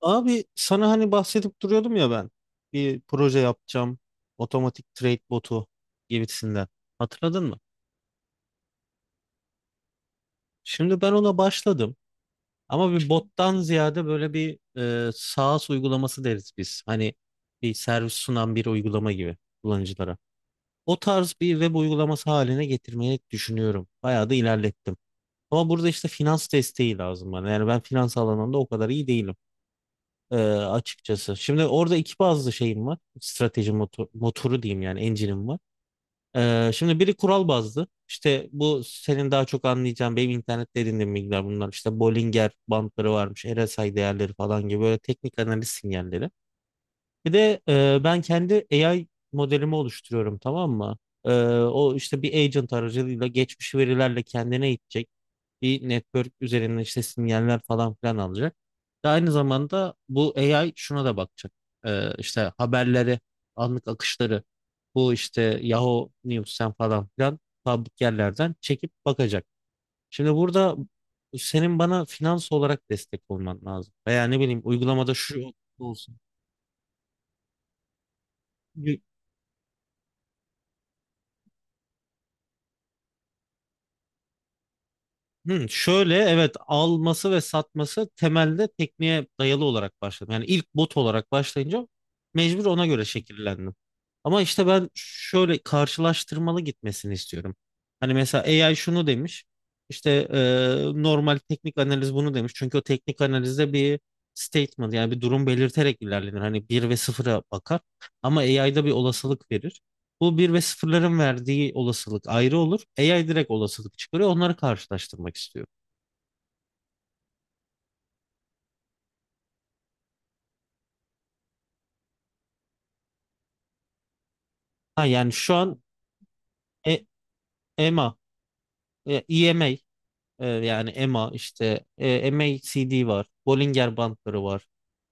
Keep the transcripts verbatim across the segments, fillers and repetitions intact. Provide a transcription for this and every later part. Abi sana hani bahsedip duruyordum ya ben. Bir proje yapacağım. Otomatik trade botu gibisinden. Hatırladın mı? Şimdi ben ona başladım. Ama bir bottan ziyade böyle bir e, SaaS uygulaması deriz biz. Hani bir servis sunan bir uygulama gibi kullanıcılara. O tarz bir web uygulaması haline getirmeyi düşünüyorum. Bayağı da ilerlettim. Ama burada işte finans desteği lazım bana. Yani ben finans alanında o kadar iyi değilim. Ee, açıkçası. Şimdi orada iki bazlı şeyim var. Strateji motor- motoru diyeyim, yani engine'im var. Ee, şimdi biri kural bazlı. İşte bu senin daha çok anlayacağın, benim internette edindiğim bilgiler bunlar. İşte Bollinger bandları varmış, R S I değerleri falan gibi böyle teknik analiz sinyalleri. Bir de e, ben kendi A I modelimi oluşturuyorum, tamam mı? Ee, o işte bir agent aracılığıyla geçmiş verilerle kendine eğitecek bir network üzerinden işte sinyaller falan filan alacak. Ve aynı zamanda bu A I şuna da bakacak. Ee, işte haberleri, anlık akışları bu işte Yahoo News'ten falan filan public yerlerden çekip bakacak. Şimdi burada senin bana finans olarak destek olman lazım. Veya ne bileyim uygulamada şu. Hı, şöyle evet, alması ve satması temelde tekniğe dayalı olarak başladım. Yani ilk bot olarak başlayınca mecbur ona göre şekillendim. Ama işte ben şöyle karşılaştırmalı gitmesini istiyorum. Hani mesela A I şunu demiş. İşte e, normal teknik analiz bunu demiş. Çünkü o teknik analizde bir statement, yani bir durum belirterek ilerlenir. Hani bir ve sıfıra bakar. Ama A I'da bir olasılık verir. Bu bir ve sıfırların verdiği olasılık ayrı olur. A I direkt olasılık çıkarıyor. Onları karşılaştırmak istiyor. Ha, yani şu an e, EMA, e, EMA e, yani EMA işte e, M A C D var. Bollinger bandları var.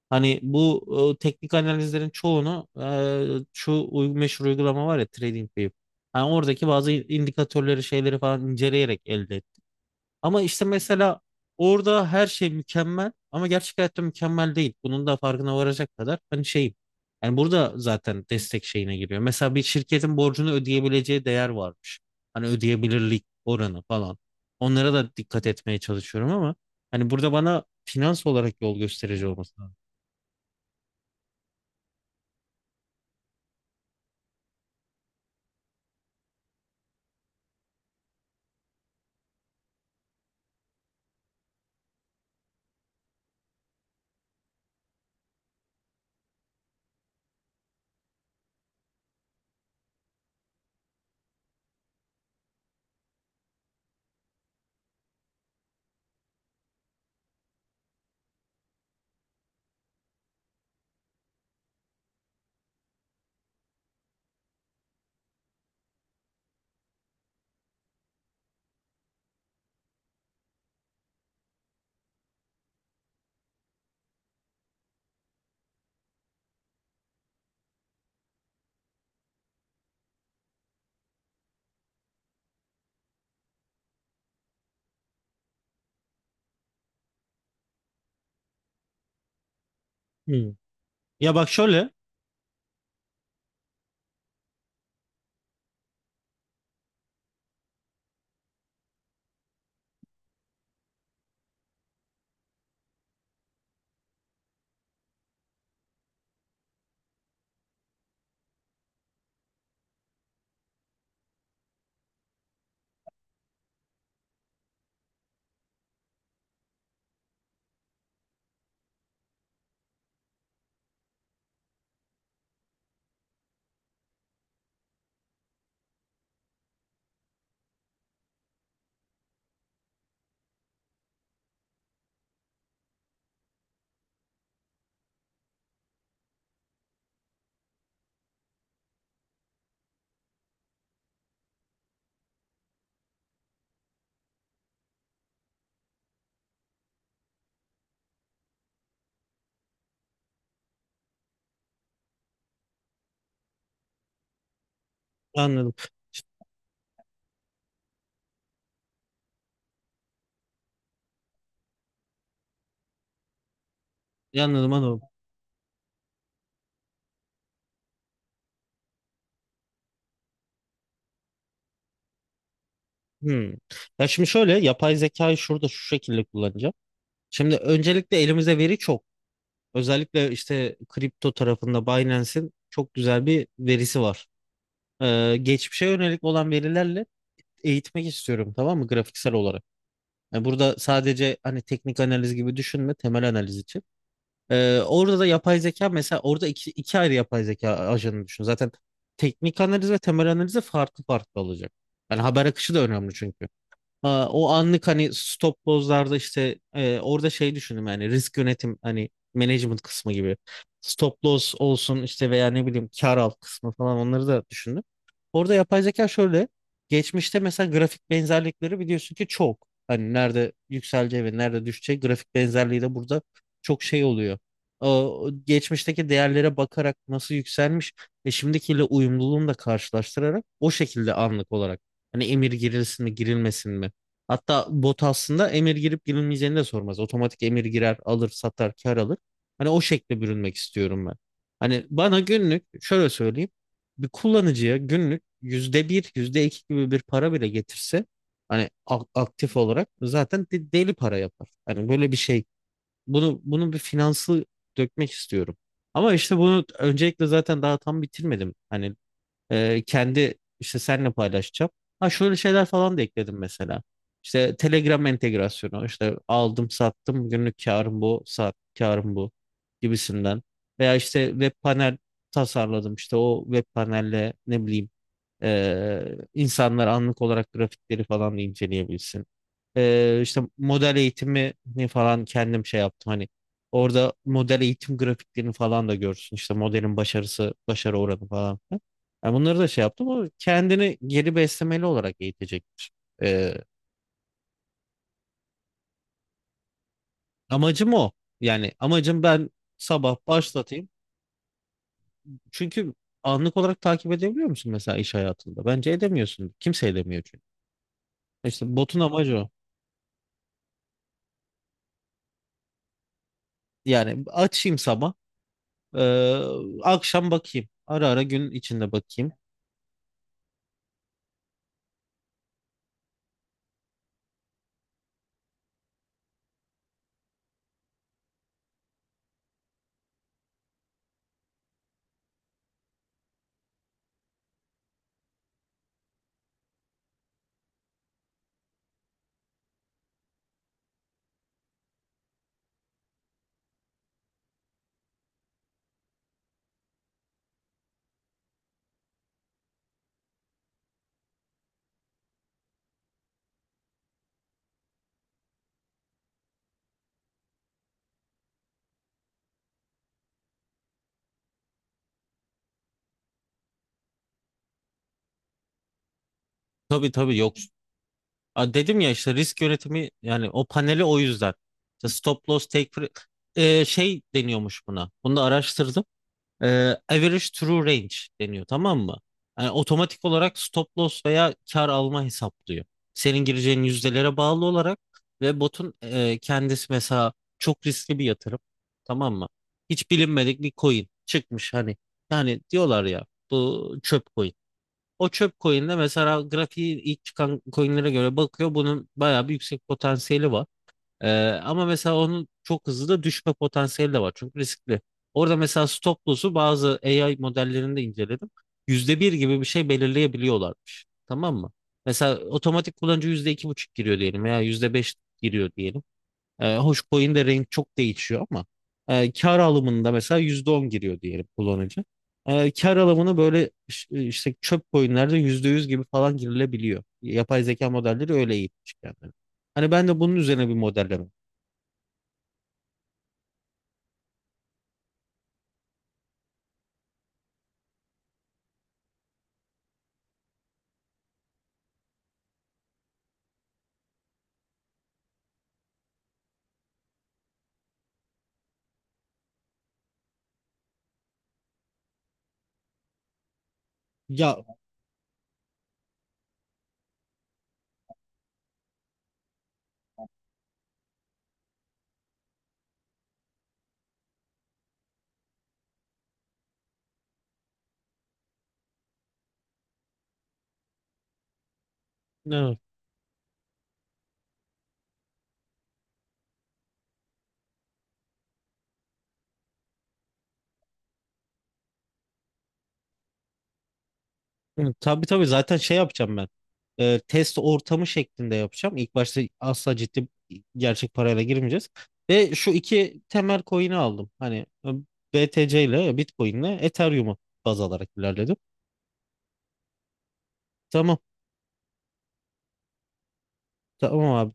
Hani bu e, teknik analizlerin çoğunu e, şu uy- meşhur uygulama var ya, TradingView. Yani oradaki bazı indikatörleri, şeyleri falan inceleyerek elde. Ama işte mesela orada her şey mükemmel ama gerçek hayatta mükemmel değil. Bunun da farkına varacak kadar hani şeyim. Yani burada zaten destek şeyine giriyor. Mesela bir şirketin borcunu ödeyebileceği değer varmış. Hani ödeyebilirlik oranı falan. Onlara da dikkat etmeye çalışıyorum ama hani burada bana finans olarak yol gösterici olması lazım. Hmm. Ya bak şöyle, anladım. Anladım, anladım. Hmm. Ya şimdi şöyle yapay zekayı şurada şu şekilde kullanacağım. Şimdi öncelikle elimize veri çok. Özellikle işte kripto tarafında Binance'in çok güzel bir verisi var. Ee, geçmişe yönelik olan verilerle eğitmek istiyorum, tamam mı, grafiksel olarak. Yani burada sadece hani teknik analiz gibi düşünme, temel analiz için. Ee, orada da yapay zeka, mesela orada iki, iki ayrı yapay zeka ajanı düşün. Zaten teknik analiz ve temel analize farklı farklı olacak. Yani haber akışı da önemli çünkü. Aa, O anlık hani stop loss'larda işte e, orada şey düşündüm, yani risk yönetim hani management kısmı gibi. Stop loss olsun işte veya ne bileyim kar al kısmı falan, onları da düşündüm. Orada yapay zeka şöyle, geçmişte mesela grafik benzerlikleri biliyorsun ki çok. Hani nerede yükseleceği ve nerede düşeceği grafik benzerliği de burada çok şey oluyor. O, geçmişteki değerlere bakarak nasıl yükselmiş ve şimdikiyle uyumluluğunu da karşılaştırarak o şekilde anlık olarak hani emir girilsin mi girilmesin mi. Hatta bot aslında emir girip girilmeyeceğini de sormaz. Otomatik emir girer, alır, satar, kar alır. Hani o şekle bürünmek istiyorum ben. Hani bana günlük şöyle söyleyeyim. Bir kullanıcıya günlük yüzde bir, yüzde iki gibi bir para bile getirse hani a- aktif olarak zaten de- deli para yapar. Hani böyle bir şey. Bunu bunu bir finansı dökmek istiyorum. Ama işte bunu öncelikle zaten daha tam bitirmedim. Hani ee, kendi işte seninle paylaşacağım. Ha, şöyle şeyler falan da ekledim mesela. İşte Telegram entegrasyonu, işte aldım sattım, günlük karım bu, saat karım bu gibisinden. Veya işte web panel tasarladım, işte o web panelle ne bileyim ee, insanlar anlık olarak grafikleri falan da inceleyebilsin. Ee, işte model eğitimi falan kendim şey yaptım, hani orada model eğitim grafiklerini falan da görsün, işte modelin başarısı, başarı oranı falan filan. Yani bunları da şey yaptım, o kendini geri beslemeli olarak eğitecektir. Ee, amacım o, yani amacım ben sabah başlatayım çünkü anlık olarak takip edebiliyor musun mesela iş hayatında? Bence edemiyorsun, kimse edemiyor çünkü. İşte botun amacı o. Yani açayım sabah. Ee, akşam bakayım. Ara ara gün içinde bakayım. Tabii, tabii, yok. Aa, dedim ya, işte risk yönetimi, yani o paneli o yüzden. İşte stop loss take pre- Ee, şey deniyormuş buna. Bunu da araştırdım. e, average true range deniyor, tamam mı? Yani otomatik olarak stop loss veya kar alma hesaplıyor. Senin gireceğin yüzdelere bağlı olarak ve botun e, kendisi, mesela çok riskli bir yatırım, tamam mı? Hiç bilinmedik bir coin çıkmış hani. Yani diyorlar ya, bu çöp coin. O çöp coin'de mesela grafiği ilk çıkan coin'lere göre bakıyor, bunun bayağı bir yüksek potansiyeli var. Ee, ama mesela onun çok hızlı da düşme potansiyeli de var. Çünkü riskli. Orada mesela stop loss'u bazı A I modellerinde de inceledim. Yüzde bir gibi bir şey belirleyebiliyorlarmış. Tamam mı? Mesela otomatik kullanıcı yüzde iki buçuk giriyor diyelim veya yüzde beş giriyor diyelim. Ee, hoş coin'de range çok değişiyor ama e, kar alımında mesela yüzde on giriyor diyelim kullanıcı. Ee, kar alımını böyle iş- e, işte çöp coin'lerde yüzde yüz gibi falan girilebiliyor. Yapay zeka modelleri öyle eğitmiş kendini. Hani ben de bunun üzerine bir modelleme. Ya, evet. Hı, Tabii tabii zaten şey yapacağım ben. Ee, test ortamı şeklinde yapacağım. İlk başta asla ciddi, gerçek parayla girmeyeceğiz. Ve şu iki temel coin'i aldım. Hani e, B T C ile, Bitcoin ile Ethereum'u baz alarak ilerledim. Tamam. Tamam